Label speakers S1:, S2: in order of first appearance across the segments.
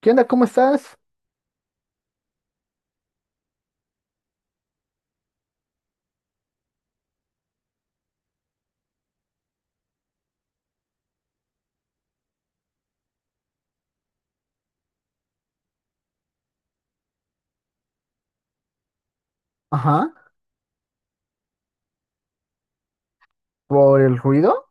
S1: ¿Qué onda? ¿Cómo estás? Ajá. ¿Por el ruido?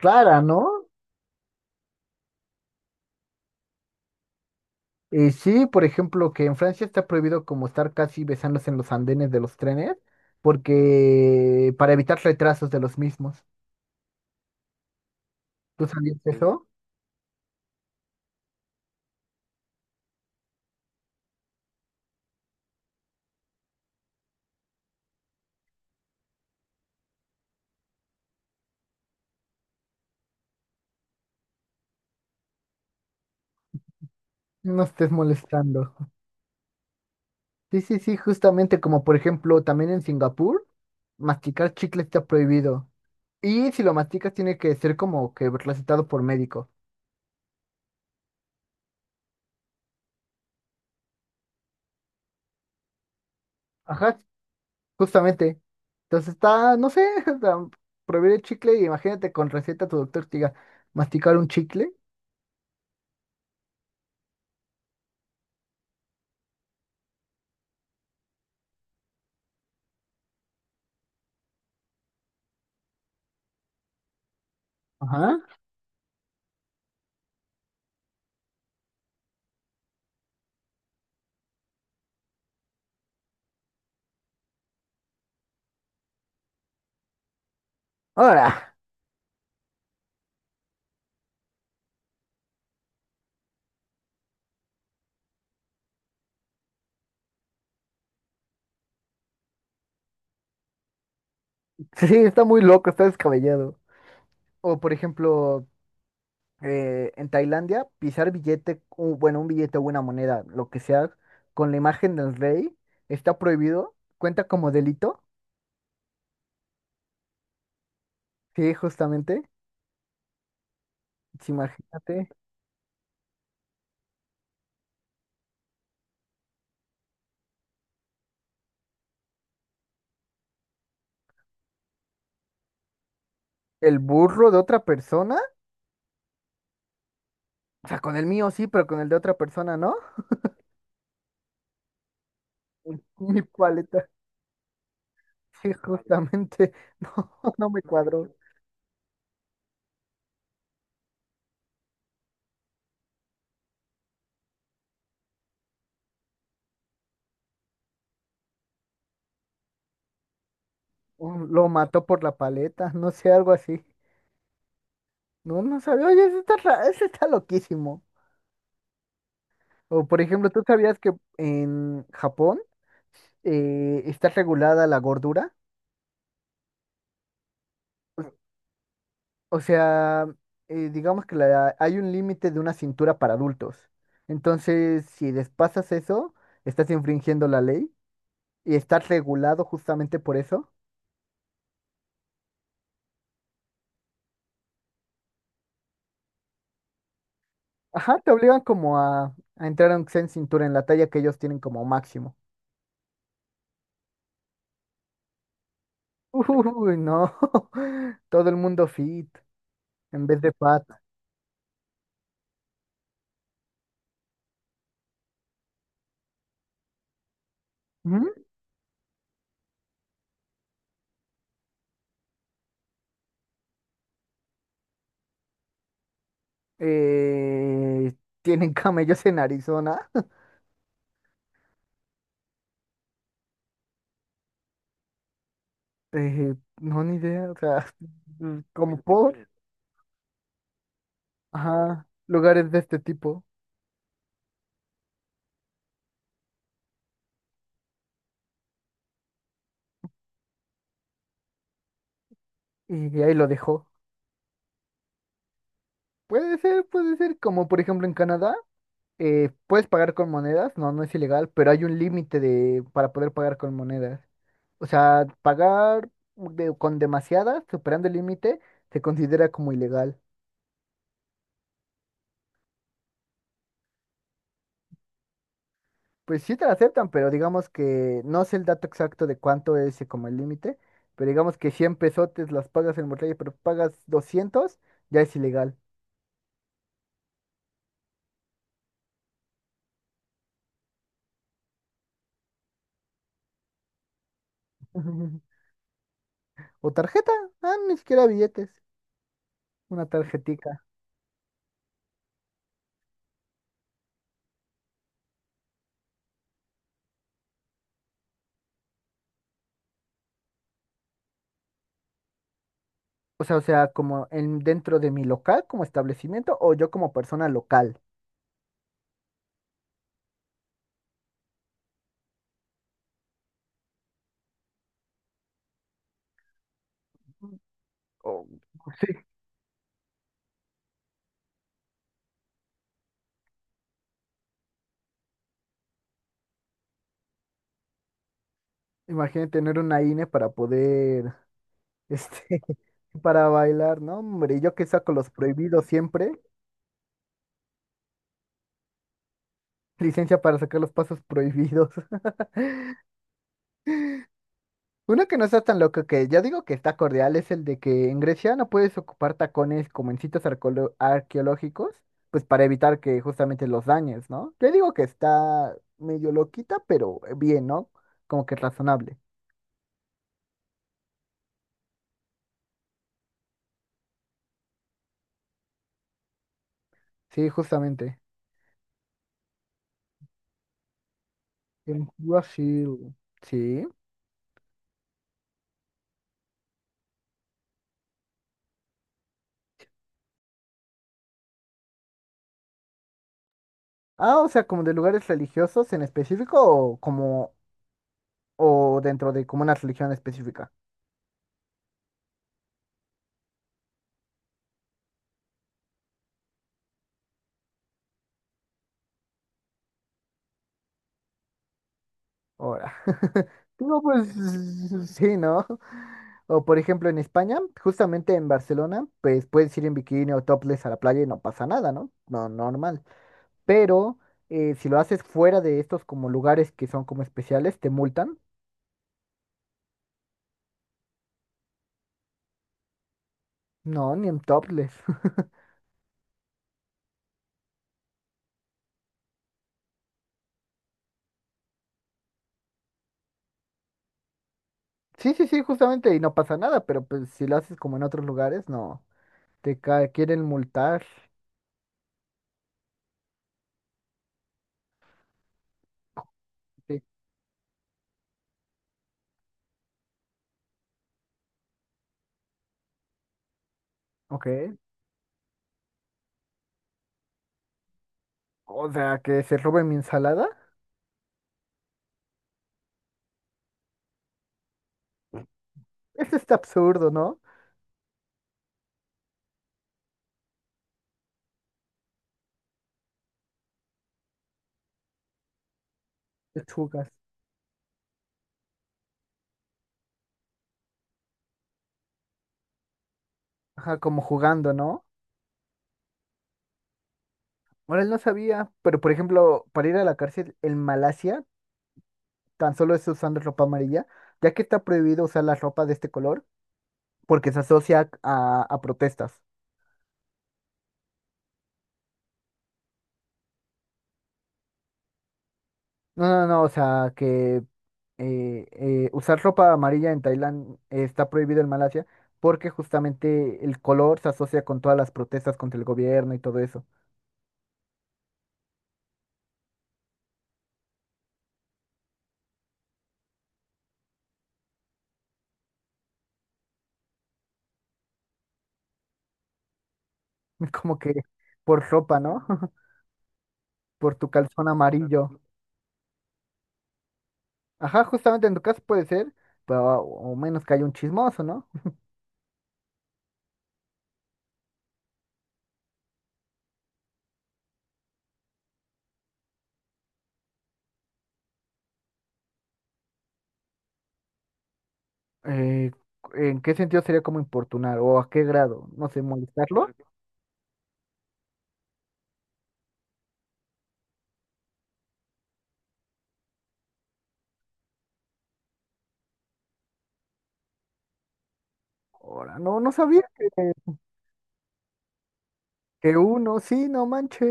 S1: Clara, ¿no? Y sí, por ejemplo, que en Francia está prohibido como estar casi besándose en los andenes de los trenes, porque para evitar retrasos de los mismos. ¿Tú sabías eso? No estés molestando. Sí, sí, sí, justamente como por ejemplo también en Singapur, masticar chicle está prohibido. Y si lo masticas tiene que ser como que recetado por médico. Ajá, justamente. Entonces está, no sé, o sea, prohibir el chicle y imagínate con receta tu doctor te diga, masticar un chicle. Ajá. Ahora, sí, está muy loco, está descabellado. O por ejemplo, en Tailandia, pisar billete, bueno, un billete o una moneda, lo que sea, con la imagen del rey, está prohibido, cuenta como delito. Sí, justamente. Sí, imagínate. El burro de otra persona, o sea, con el mío sí, pero con el de otra persona, ¿no? Mi paleta. Sí, justamente, no, no me cuadró. Lo mató por la paleta, no sé, algo así. No, no sabía, oye, eso está loquísimo. O por ejemplo, ¿tú sabías que en Japón está regulada la gordura? O sea, digamos que hay un límite de una cintura para adultos. Entonces, si despasas eso, estás infringiendo la ley y estás regulado justamente por eso. Ajá, te obligan como a entrar aunque sea en cintura en la talla que ellos tienen como máximo. Uy, no. Todo el mundo fit en vez de fat. ¿Mm? Eh, ¿Tienen camellos en Arizona? Eh, no, ni idea. O sea, como por, ajá, lugares de este tipo. Y ahí lo dejó. Puede ser, puede ser. Como por ejemplo en Canadá, puedes pagar con monedas. No, no es ilegal, pero hay un límite de para poder pagar con monedas. O sea, pagar con demasiadas, superando el límite, se considera como ilegal. Pues sí te la aceptan, pero digamos que no sé el dato exacto de cuánto es como el límite, pero digamos que 100 pesotes las pagas en Monterrey, pero pagas 200, ya es ilegal. O tarjeta, ah, ni siquiera billetes, una tarjetica. O sea, como en dentro de mi local como establecimiento o yo como persona local. O imagínate tener una INE para poder, este, para bailar, ¿no? Hombre, yo que saco los prohibidos siempre, licencia para sacar los pasos prohibidos. Uno que no está tan loco que yo digo que está cordial es el de que en Grecia no puedes ocupar tacones como en sitios arqueológicos, pues para evitar que justamente los dañes, ¿no? Yo digo que está medio loquita, pero bien, ¿no? Como que razonable. Sí, justamente. En Brasil. Sí. Ah, o sea, como de lugares religiosos en específico o dentro de como una religión específica. Ahora. No, pues sí, ¿no? O por ejemplo en España, justamente en Barcelona, pues puedes ir en bikini o topless a la playa y no pasa nada, ¿no? No, normal. Pero si lo haces fuera de estos como lugares que son como especiales, te multan. No, ni en topless. Sí, sí, sí, justamente, y no pasa nada, pero pues si lo haces como en otros lugares, no, quieren multar. Sí. Ok. O sea, que se roben mi ensalada. Eso está absurdo, ¿no? Lechugas. Ajá, como jugando, ¿no? Ahora él no sabía, pero por ejemplo, para ir a la cárcel en Malasia, tan solo es usando ropa amarilla, ya que está prohibido usar la ropa de este color porque se asocia a protestas. No, no, no, o sea, que usar ropa amarilla en Tailandia está prohibido en Malasia porque justamente el color se asocia con todas las protestas contra el gobierno y todo eso. Como que por ropa, ¿no? Por tu calzón amarillo. Ajá, justamente en tu caso puede ser, pero o menos que haya un chismoso, ¿no? Eh, ¿En qué sentido sería como importunar? ¿O a qué grado? No sé, molestarlo. Ahora, no, no sabía que uno, sí, no manches.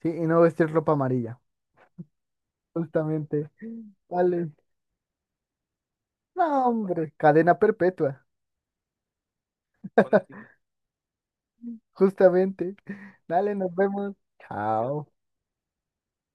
S1: Sí, y no vestir ropa amarilla. Justamente. Vale. No, hombre, cadena perpetua. Justamente. Dale, nos vemos. Chao.